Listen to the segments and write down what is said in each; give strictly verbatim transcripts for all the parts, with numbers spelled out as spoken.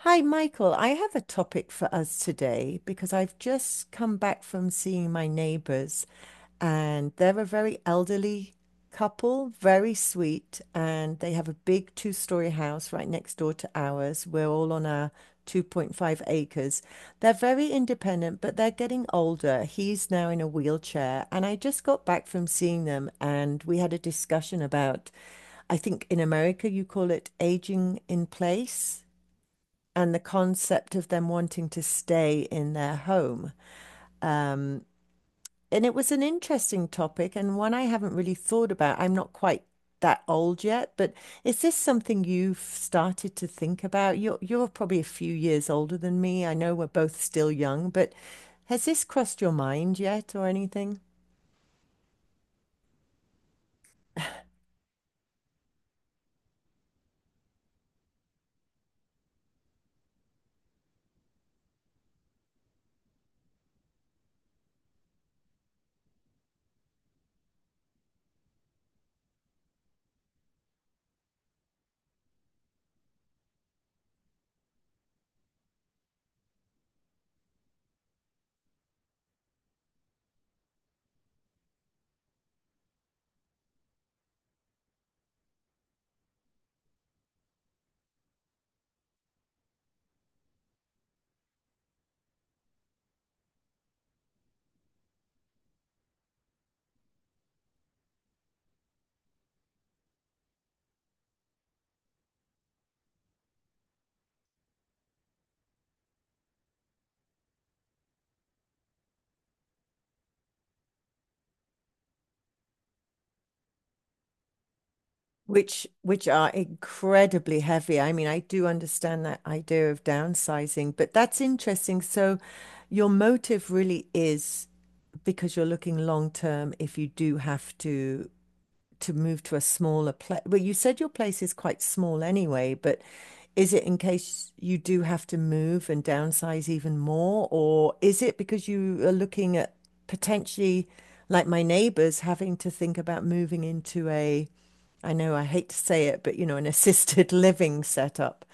Hi, Michael. I have a topic for us today because I've just come back from seeing my neighbors, and they're a very elderly couple, very sweet, and they have a big two-story house right next door to ours. We're all on our two point five acres. They're very independent, but they're getting older. He's now in a wheelchair, and I just got back from seeing them, and we had a discussion about, I think in America you call it aging in place and the concept of them wanting to stay in their home. Um, and it was an interesting topic and one I haven't really thought about. I'm not quite that old yet, but is this something you've started to think about? You're you're probably a few years older than me. I know we're both still young, but has this crossed your mind yet or anything? which which are incredibly heavy. I mean, I do understand that idea of downsizing, but that's interesting. So your motive really is because you're looking long term if you do have to to move to a smaller place? Well, you said your place is quite small anyway, but is it in case you do have to move and downsize even more, or is it because you are looking at potentially, like my neighbors, having to think about moving into a, I know I hate to say it, but you know, an assisted living setup.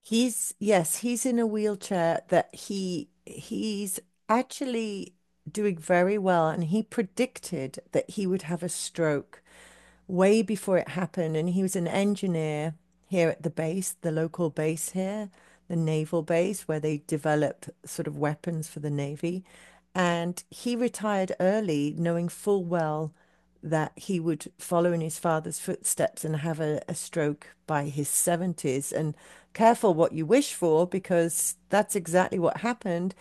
He's, yes, he's in a wheelchair that he he's actually doing very well, and he predicted that he would have a stroke way before it happened. And he was an engineer here at the base, the local base here, the naval base, where they develop sort of weapons for the Navy. And he retired early, knowing full well that he would follow in his father's footsteps and have a, a stroke by his seventies. And careful what you wish for, because that's exactly what happened.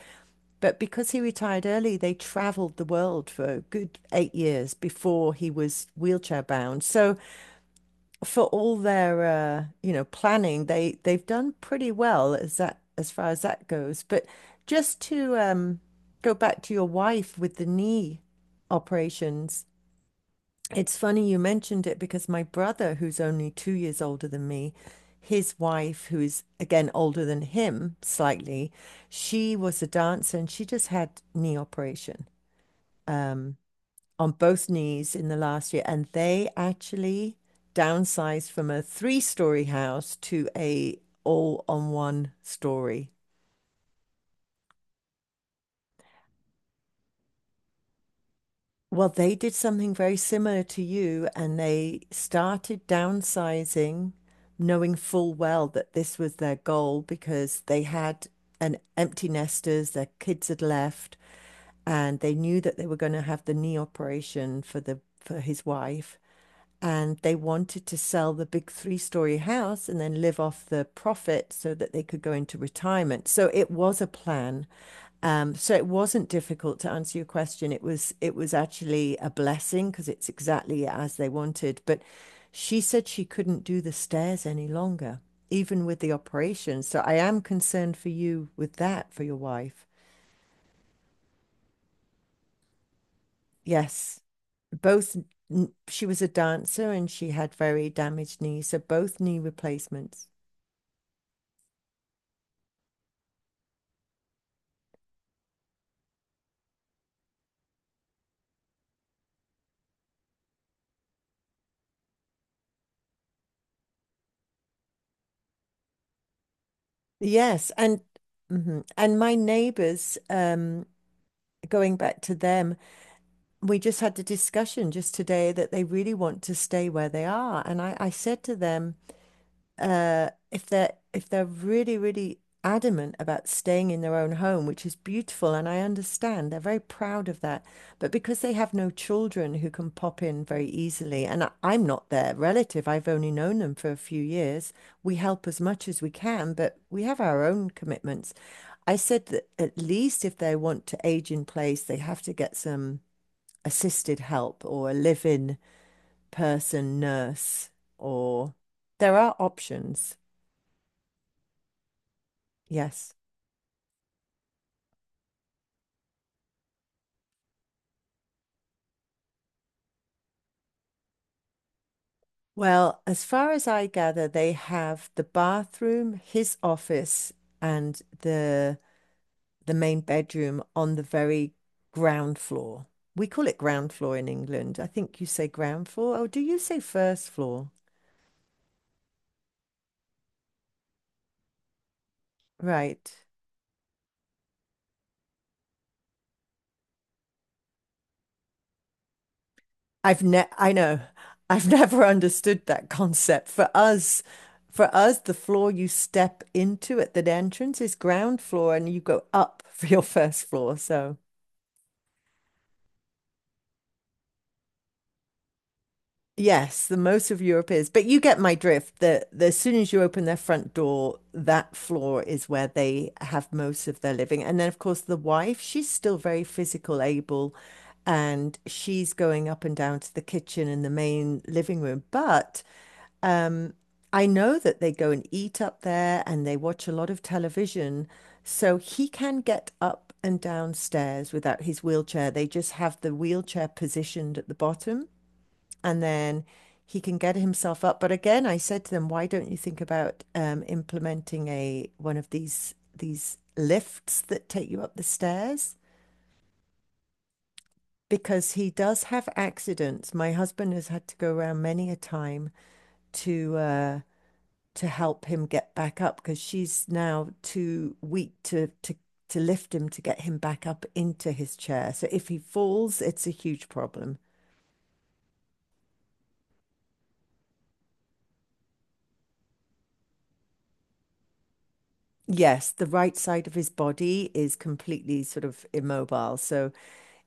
But because he retired early, they traveled the world for a good eight years before he was wheelchair bound. So for all their uh, you know, planning, they they've done pretty well as that as far as that goes. But just to um go back to your wife with the knee operations, it's funny you mentioned it because my brother, who's only two years older than me, his wife, who is again older than him slightly, she was a dancer and she just had knee operation um, on both knees in the last year. And they actually downsized from a three-story house to a all on one story. Well, they did something very similar to you, and they started downsizing, knowing full well that this was their goal because they had an empty nesters, their kids had left, and they knew that they were going to have the knee operation for the for his wife and they wanted to sell the big three story house and then live off the profit so that they could go into retirement. So it was a plan. Um, so it wasn't difficult to answer your question. It was it was actually a blessing because it's exactly as they wanted. But she said she couldn't do the stairs any longer, even with the operation. So I am concerned for you with that, for your wife. Yes. Both n- she was a dancer and she had very damaged knees, so both knee replacements. Yes, and mhm. And my neighbors, um, going back to them, we just had the discussion just today that they really want to stay where they are. And I, I said to them, uh, if they're if they're really, really adamant about staying in their own home, which is beautiful, and I understand they're very proud of that, but because they have no children who can pop in very easily, and I, I'm not their relative, I've only known them for a few years. We help as much as we can, but we have our own commitments. I said that at least if they want to age in place, they have to get some assisted help or a live-in person, nurse, or there are options. Yes. Well, as far as I gather, they have the bathroom, his office, and the the main bedroom on the very ground floor. We call it ground floor in England. I think you say ground floor. Oh, do you say first floor? Right. I've ne I know. I've never understood that concept. For us, for us, the floor you step into at the entrance is ground floor and you go up for your first floor. So yes, the most of Europe is, but you get my drift that the, as soon as you open their front door, that floor is where they have most of their living. And then, of course, the wife, she's still very physical, able, and she's going up and down to the kitchen and the main living room. But I know that they go and eat up there and they watch a lot of television. So he can get up and downstairs without his wheelchair. They just have the wheelchair positioned at the bottom and then he can get himself up. But again, I said to them, why don't you think about um, implementing a one of these these lifts that take you up the stairs? Because he does have accidents. My husband has had to go around many a time to uh, to help him get back up because she's now too weak to to to lift him to get him back up into his chair. So if he falls, it's a huge problem. Yes, the right side of his body is completely sort of immobile. So,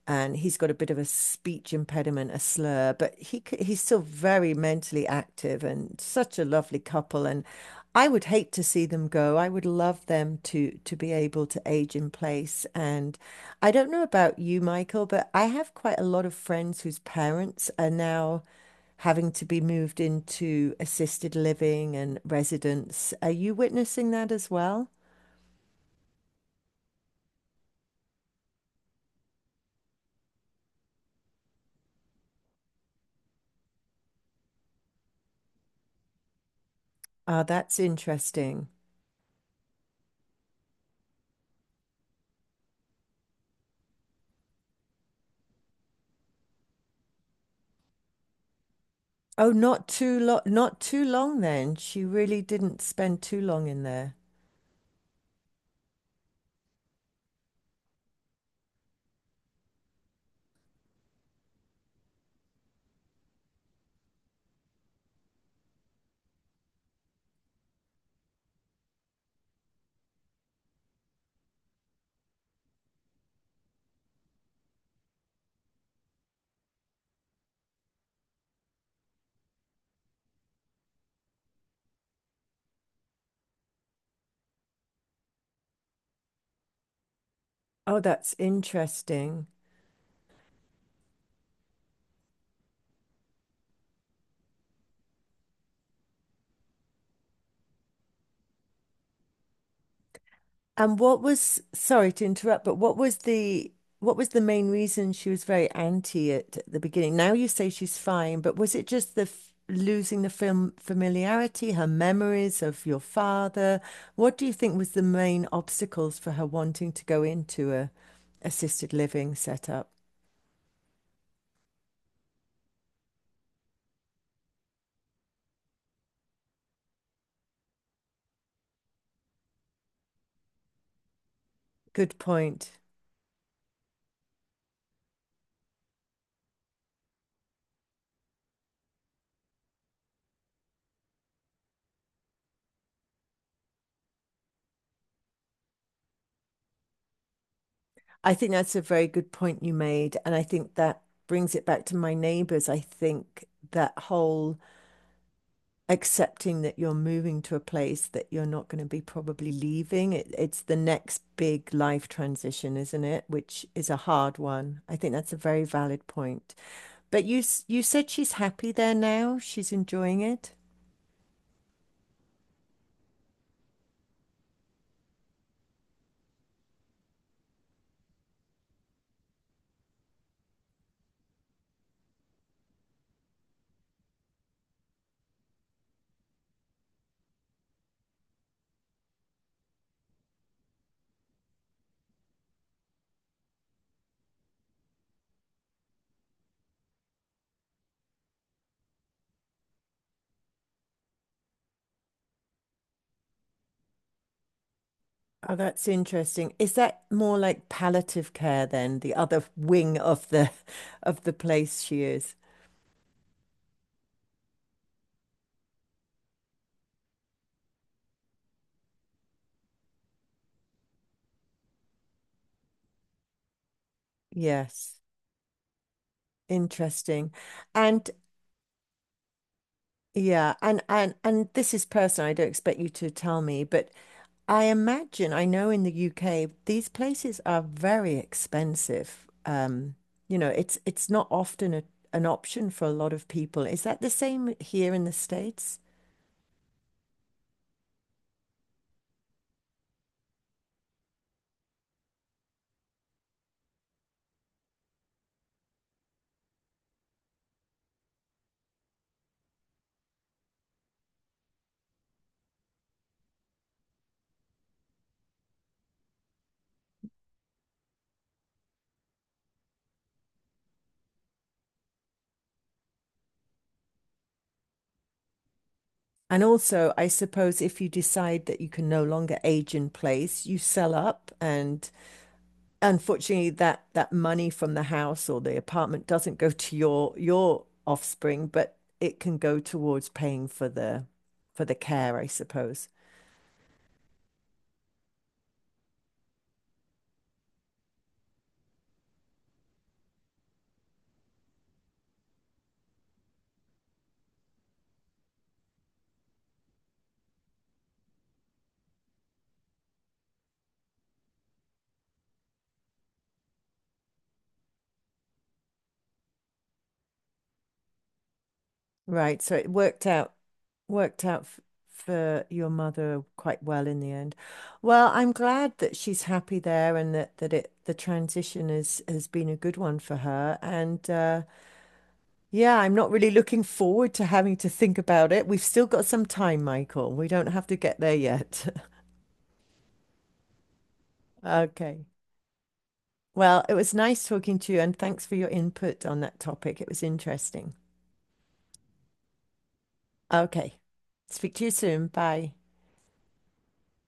and he's got a bit of a speech impediment, a slur, but he c- he's still very mentally active and such a lovely couple. And I would hate to see them go. I would love them to to be able to age in place. And I don't know about you, Michael, but I have quite a lot of friends whose parents are now having to be moved into assisted living and residence. Are you witnessing that as well? Ah, that's interesting. Oh, not too long, not too long then. She really didn't spend too long in there. Oh, that's interesting. And what was, sorry to interrupt, but what was the what was the main reason she was very anti it at the beginning? Now you say she's fine, but was it just the f losing the film familiarity, her memories of your father? What do you think was the main obstacles for her wanting to go into a assisted living setup? Good point. I think that's a very good point you made. And I think that brings it back to my neighbors. I think that whole accepting that you're moving to a place that you're not going to be probably leaving, it, it's the next big life transition, isn't it? Which is a hard one. I think that's a very valid point. But you you said she's happy there now. She's enjoying it. Oh, that's interesting. Is that more like palliative care then, the other wing of the of the place she is? Yes. Interesting. And yeah, and and and this is personal. I don't expect you to tell me, but I imagine I know in the U K these places are very expensive. Um, you know, it's it's not often a, an option for a lot of people. Is that the same here in the States? And also, I suppose if you decide that you can no longer age in place, you sell up and unfortunately that that money from the house or the apartment doesn't go to your your offspring, but it can go towards paying for the for the care, I suppose. Right. So it worked out worked out f for your mother quite well in the end. Well, I'm glad that she's happy there and that that it the transition is has been a good one for her. And uh yeah, I'm not really looking forward to having to think about it. We've still got some time, Michael. We don't have to get there yet. Okay. Well, it was nice talking to you and thanks for your input on that topic. It was interesting. Okay. Speak to you soon. Bye.